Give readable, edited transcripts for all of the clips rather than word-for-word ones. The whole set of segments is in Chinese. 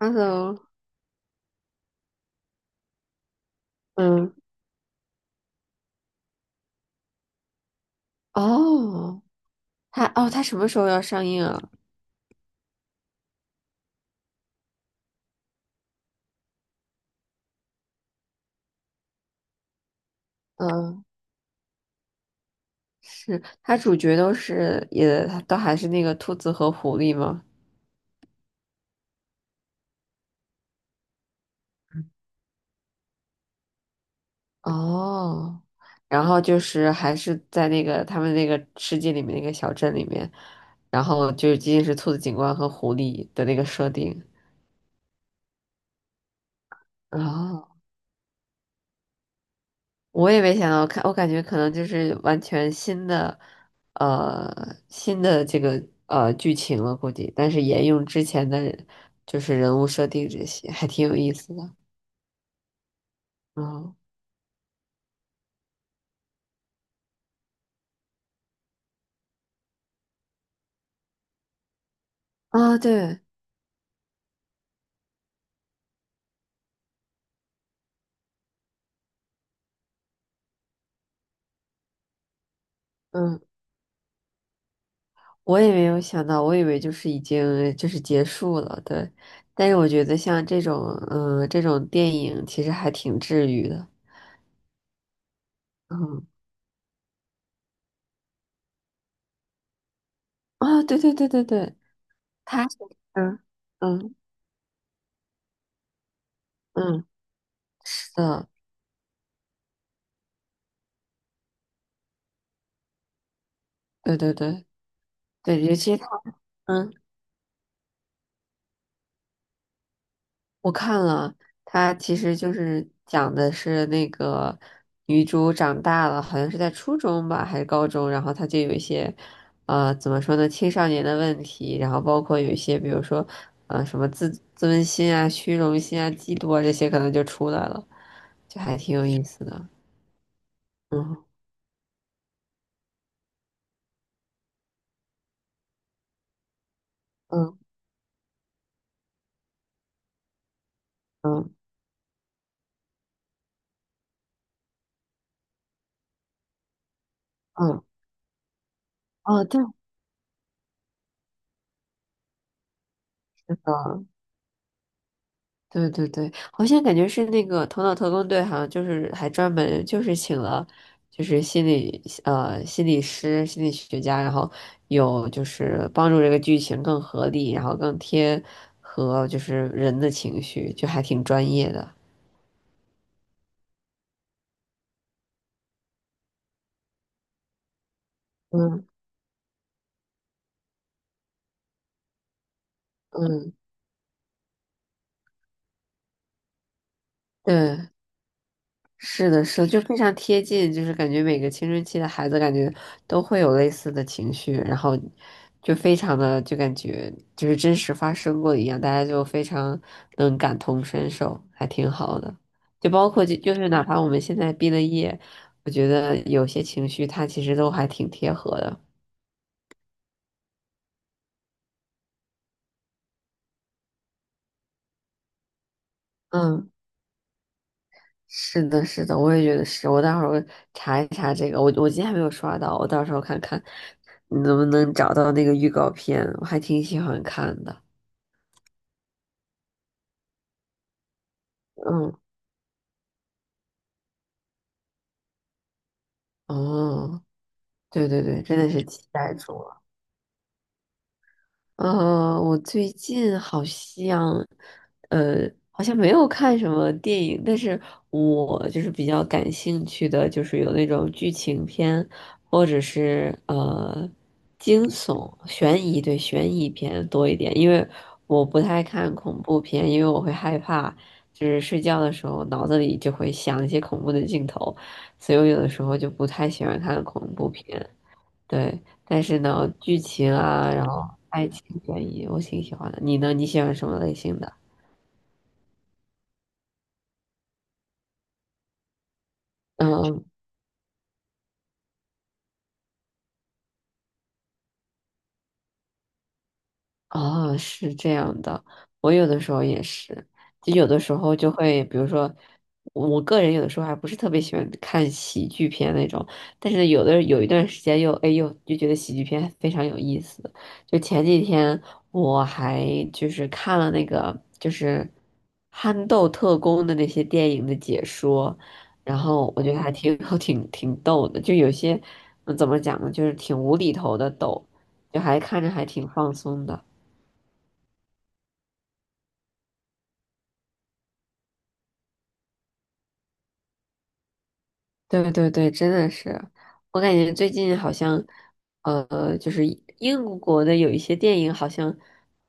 h e 嗯，哦，它什么时候要上映啊？嗯，是它主角都是也都还是那个兔子和狐狸吗？哦，然后就是还是在那个他们那个世界里面那个小镇里面，然后就是仅仅是兔子警官和狐狸的那个设定。哦我也没想到，我感觉可能就是完全新的，新的这个剧情了，估计，但是沿用之前的人，就是人物设定这些，还挺有意思的。嗯啊，对，嗯，我也没有想到，我以为就是已经就是结束了，对。但是我觉得像这种，这种电影其实还挺治愈的。嗯啊，对对对对对，他是，嗯嗯嗯，是的，对对对对，尤其他。嗯，我看了，它其实就是讲的是那个女主长大了，好像是在初中吧，还是高中，然后她就有一些，怎么说呢，青少年的问题，然后包括有一些，比如说，什么自尊心啊、虚荣心啊、嫉妒啊这些，可能就出来了，就还挺有意思的。嗯嗯嗯嗯嗯，哦，对，那个。对对对，好像感觉是那个《头脑特工队》，好像就是还专门就是请了，就是心理师、心理学家，然后有就是帮助这个剧情更合理，然后更贴合就是人的情绪，就还挺专业的。嗯嗯，对。是的，是的，就非常贴近，就是感觉每个青春期的孩子感觉都会有类似的情绪，然后就非常的就感觉就是真实发生过一样，大家就非常能感同身受，还挺好的。就包括就是哪怕我们现在毕了业，我觉得有些情绪它其实都还挺贴合的。嗯。是的，是的，我也觉得是。我待会儿查一查这个，我今天还没有刷到，我到时候看看能不能找到那个预告片，我还挺喜欢看的。嗯，哦，对对对，真的是期待住了。我最近好像，好像没有看什么电影，但是我就是比较感兴趣的，就是有那种剧情片，或者是惊悚、悬疑，对，悬疑片多一点，因为我不太看恐怖片，因为我会害怕，就是睡觉的时候脑子里就会想一些恐怖的镜头，所以我有的时候就不太喜欢看恐怖片。对，但是呢，剧情啊，然后爱情悬疑，我挺喜欢的。你呢？你喜欢什么类型的？嗯，哦，是这样的，我有的时候也是，就有的时候就会，比如说，我个人有的时候还不是特别喜欢看喜剧片那种，但是有一段时间又哎呦就觉得喜剧片非常有意思。就前几天我还就是看了那个就是憨豆特工的那些电影的解说，然后我觉得还挺 挺逗的，就有些怎么讲呢，就是挺无厘头的逗，就还看着还挺放松的。对对对，真的是，我感觉最近好像，就是英国的有一些电影，好像，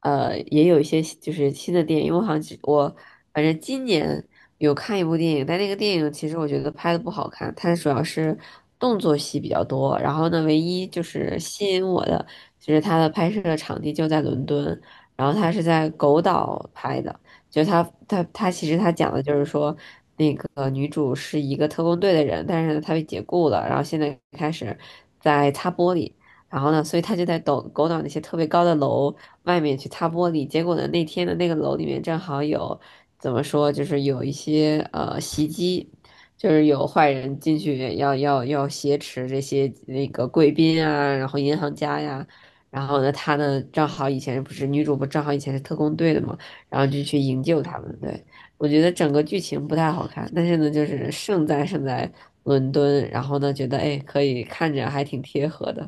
也有一些就是新的电影。因为我好像反正今年有看一部电影，但那个电影其实我觉得拍的不好看，它主要是动作戏比较多。然后呢，唯一就是吸引我的，就是它的拍摄场地就在伦敦，然后它是在狗岛拍的，就它其实它讲的就是说。那个女主是一个特工队的人，但是呢，她被解雇了，然后现在开始在擦玻璃，然后呢，所以她就在抖狗岛那些特别高的楼外面去擦玻璃。结果呢，那天的那个楼里面正好有怎么说，就是有一些袭击，就是有坏人进去要挟持这些那个贵宾啊，然后银行家呀。然后呢，她呢，正好以前不是女主不正好以前是特工队的嘛，然后就去营救他们，对。我觉得整个剧情不太好看，但是呢，就是胜在伦敦，然后呢，觉得哎，可以看着还挺贴合的。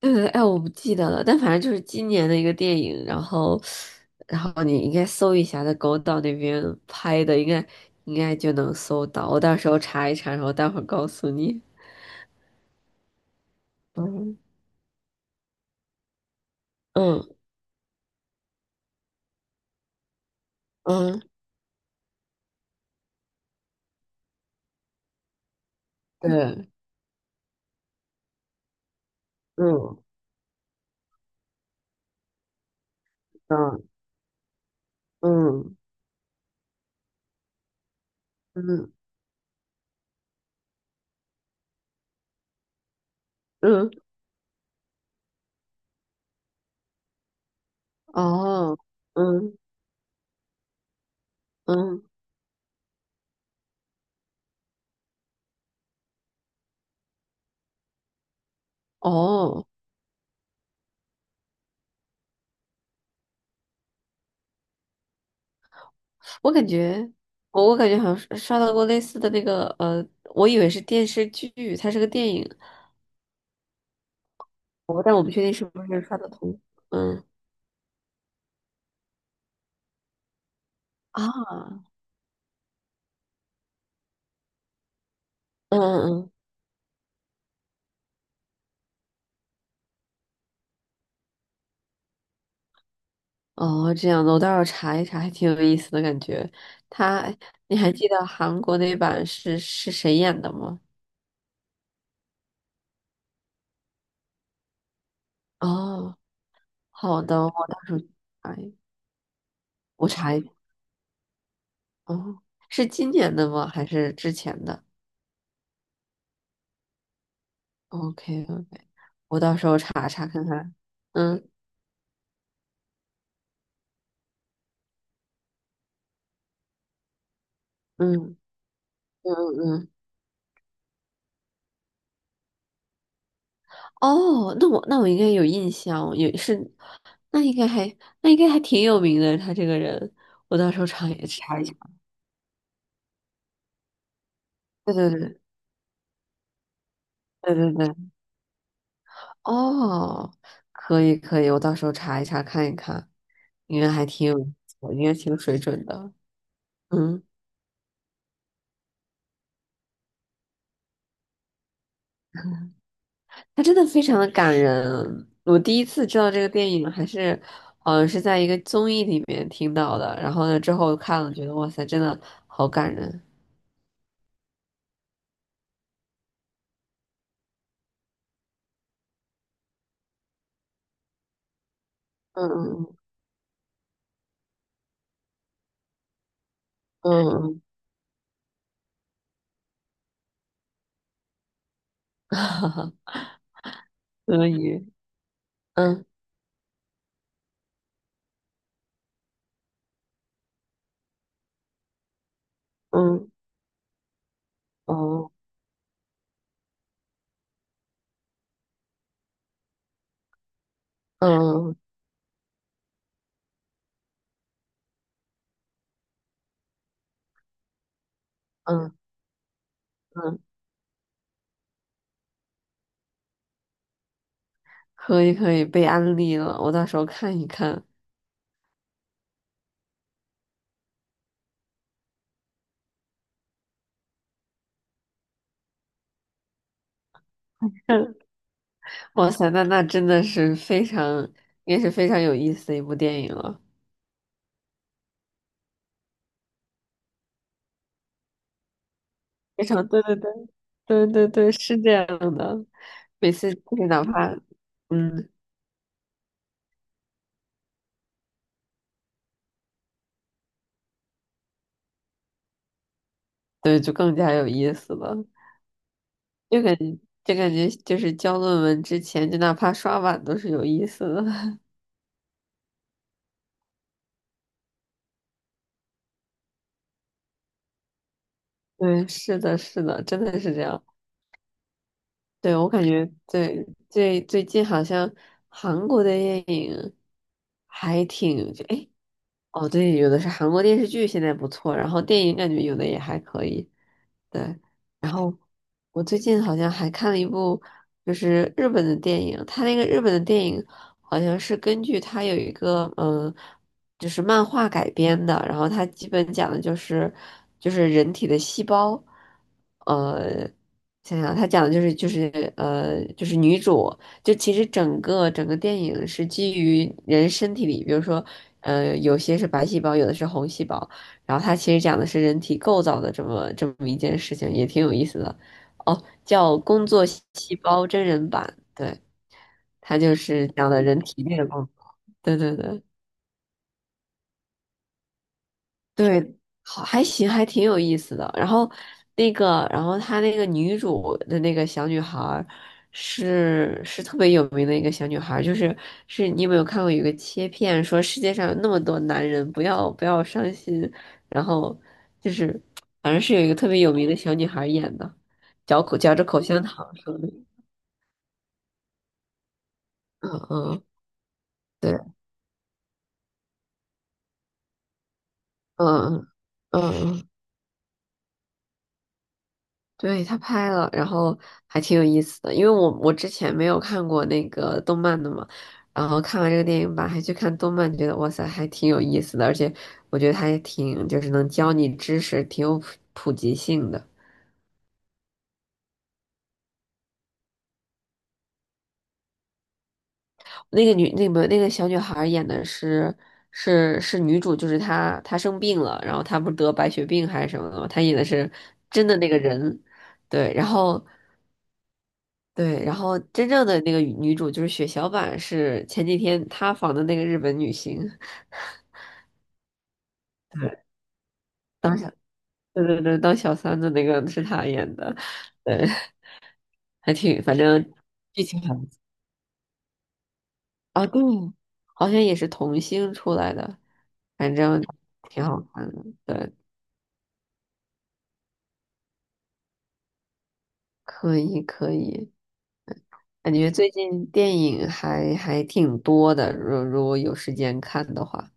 对对，哎，我不记得了，但反正就是今年的一个电影，然后你应该搜一下，在狗岛那边拍的，应该就能搜到。我到时候查一查，然后待会儿告诉你。嗯嗯嗯，对，嗯嗯嗯嗯嗯，哦，嗯嗯哦。我感觉，我感觉好像是刷到过类似的那个，我以为是电视剧，它是个电影，但我不确定是不是刷的同。嗯啊，嗯嗯嗯，哦，这样的，我待会儿查一查，还挺有意思的感觉。他，你还记得韩国那版是谁演的吗？哦，好的，我到时候查一，我查一，哦，是今年的吗？还是之前的？OK OK，我到时候查查看看。嗯嗯嗯嗯。哦，那我应该有印象，也是，那应该还那应该还挺有名的，他这个人，我到时候查也查一下。对对对对对对，哦，可以可以，我到时候查一查看一看，应该还挺有，我应该挺有水准的。嗯，他真的非常的感人，我第一次知道这个电影还是，好像是在一个综艺里面听到的，然后呢之后看了，觉得哇塞，真的好感人。嗯嗯嗯嗯，嗯可以。嗯嗯哦嗯嗯嗯，可以可以，被安利了，我到时候看一看。哇塞，那真的是非常，也是非常有意思的一部电影了。非常对对对对对对，是这样的。每次就是哪怕嗯，对，就更加有意思了。就感觉就感觉就是交论文之前，就哪怕刷碗都是有意思的。对，是的，是的，真的是这样。对，我感觉对，最近好像韩国的电影还挺，就哎，诶哦，对，有的是韩国电视剧，现在不错，然后电影感觉有的也还可以，对。然后我最近好像还看了一部，就是日本的电影，它那个日本的电影好像是根据它有一个就是漫画改编的，然后它基本讲的就是人体的细胞，呃，想想它讲的就是女主。就其实整个电影是基于人身体里，比如说有些是白细胞，有的是红细胞，然后它其实讲的是人体构造的这么一件事情，也挺有意思的。哦，叫《工作细胞真人版》，对，它就是讲的人体内的工作。对对对。对，好，还行，还挺有意思的。然后那个，然后她那个女主的那个小女孩儿是特别有名的一个小女孩儿，是你有没有看过有一个切片说世界上有那么多男人，不要不要伤心，然后就是反正是有一个特别有名的小女孩儿演的，嚼着口香糖说的，嗯嗯，对，嗯嗯嗯。对，他拍了，然后还挺有意思的，因为我之前没有看过那个动漫的嘛，然后看完这个电影版还去看动漫，觉得哇塞，还挺有意思的，而且我觉得它也挺就是能教你知识，挺有普及性的。那个女那个那个小女孩演的是女主，就是她生病了，然后她不是得白血病还是什么的嘛，她演的是真的那个人，对，然后。对，然后真正的那个女主就是血小板，是前几天塌房的那个日本女星，对，当小，对对对，当小三的那个是她演的，对，反正剧情很啊，对，好像也是童星出来的，反正挺好看的，对，可以可以，感觉最近电影还挺多的，如果有时间看的话，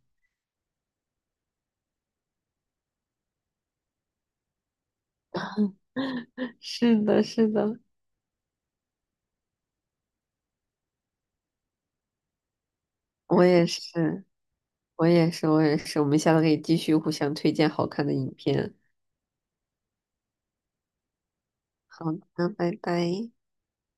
是的，是的，我也是，我也是，我也是，我们下次可以继续互相推荐好看的影片。好的，拜拜。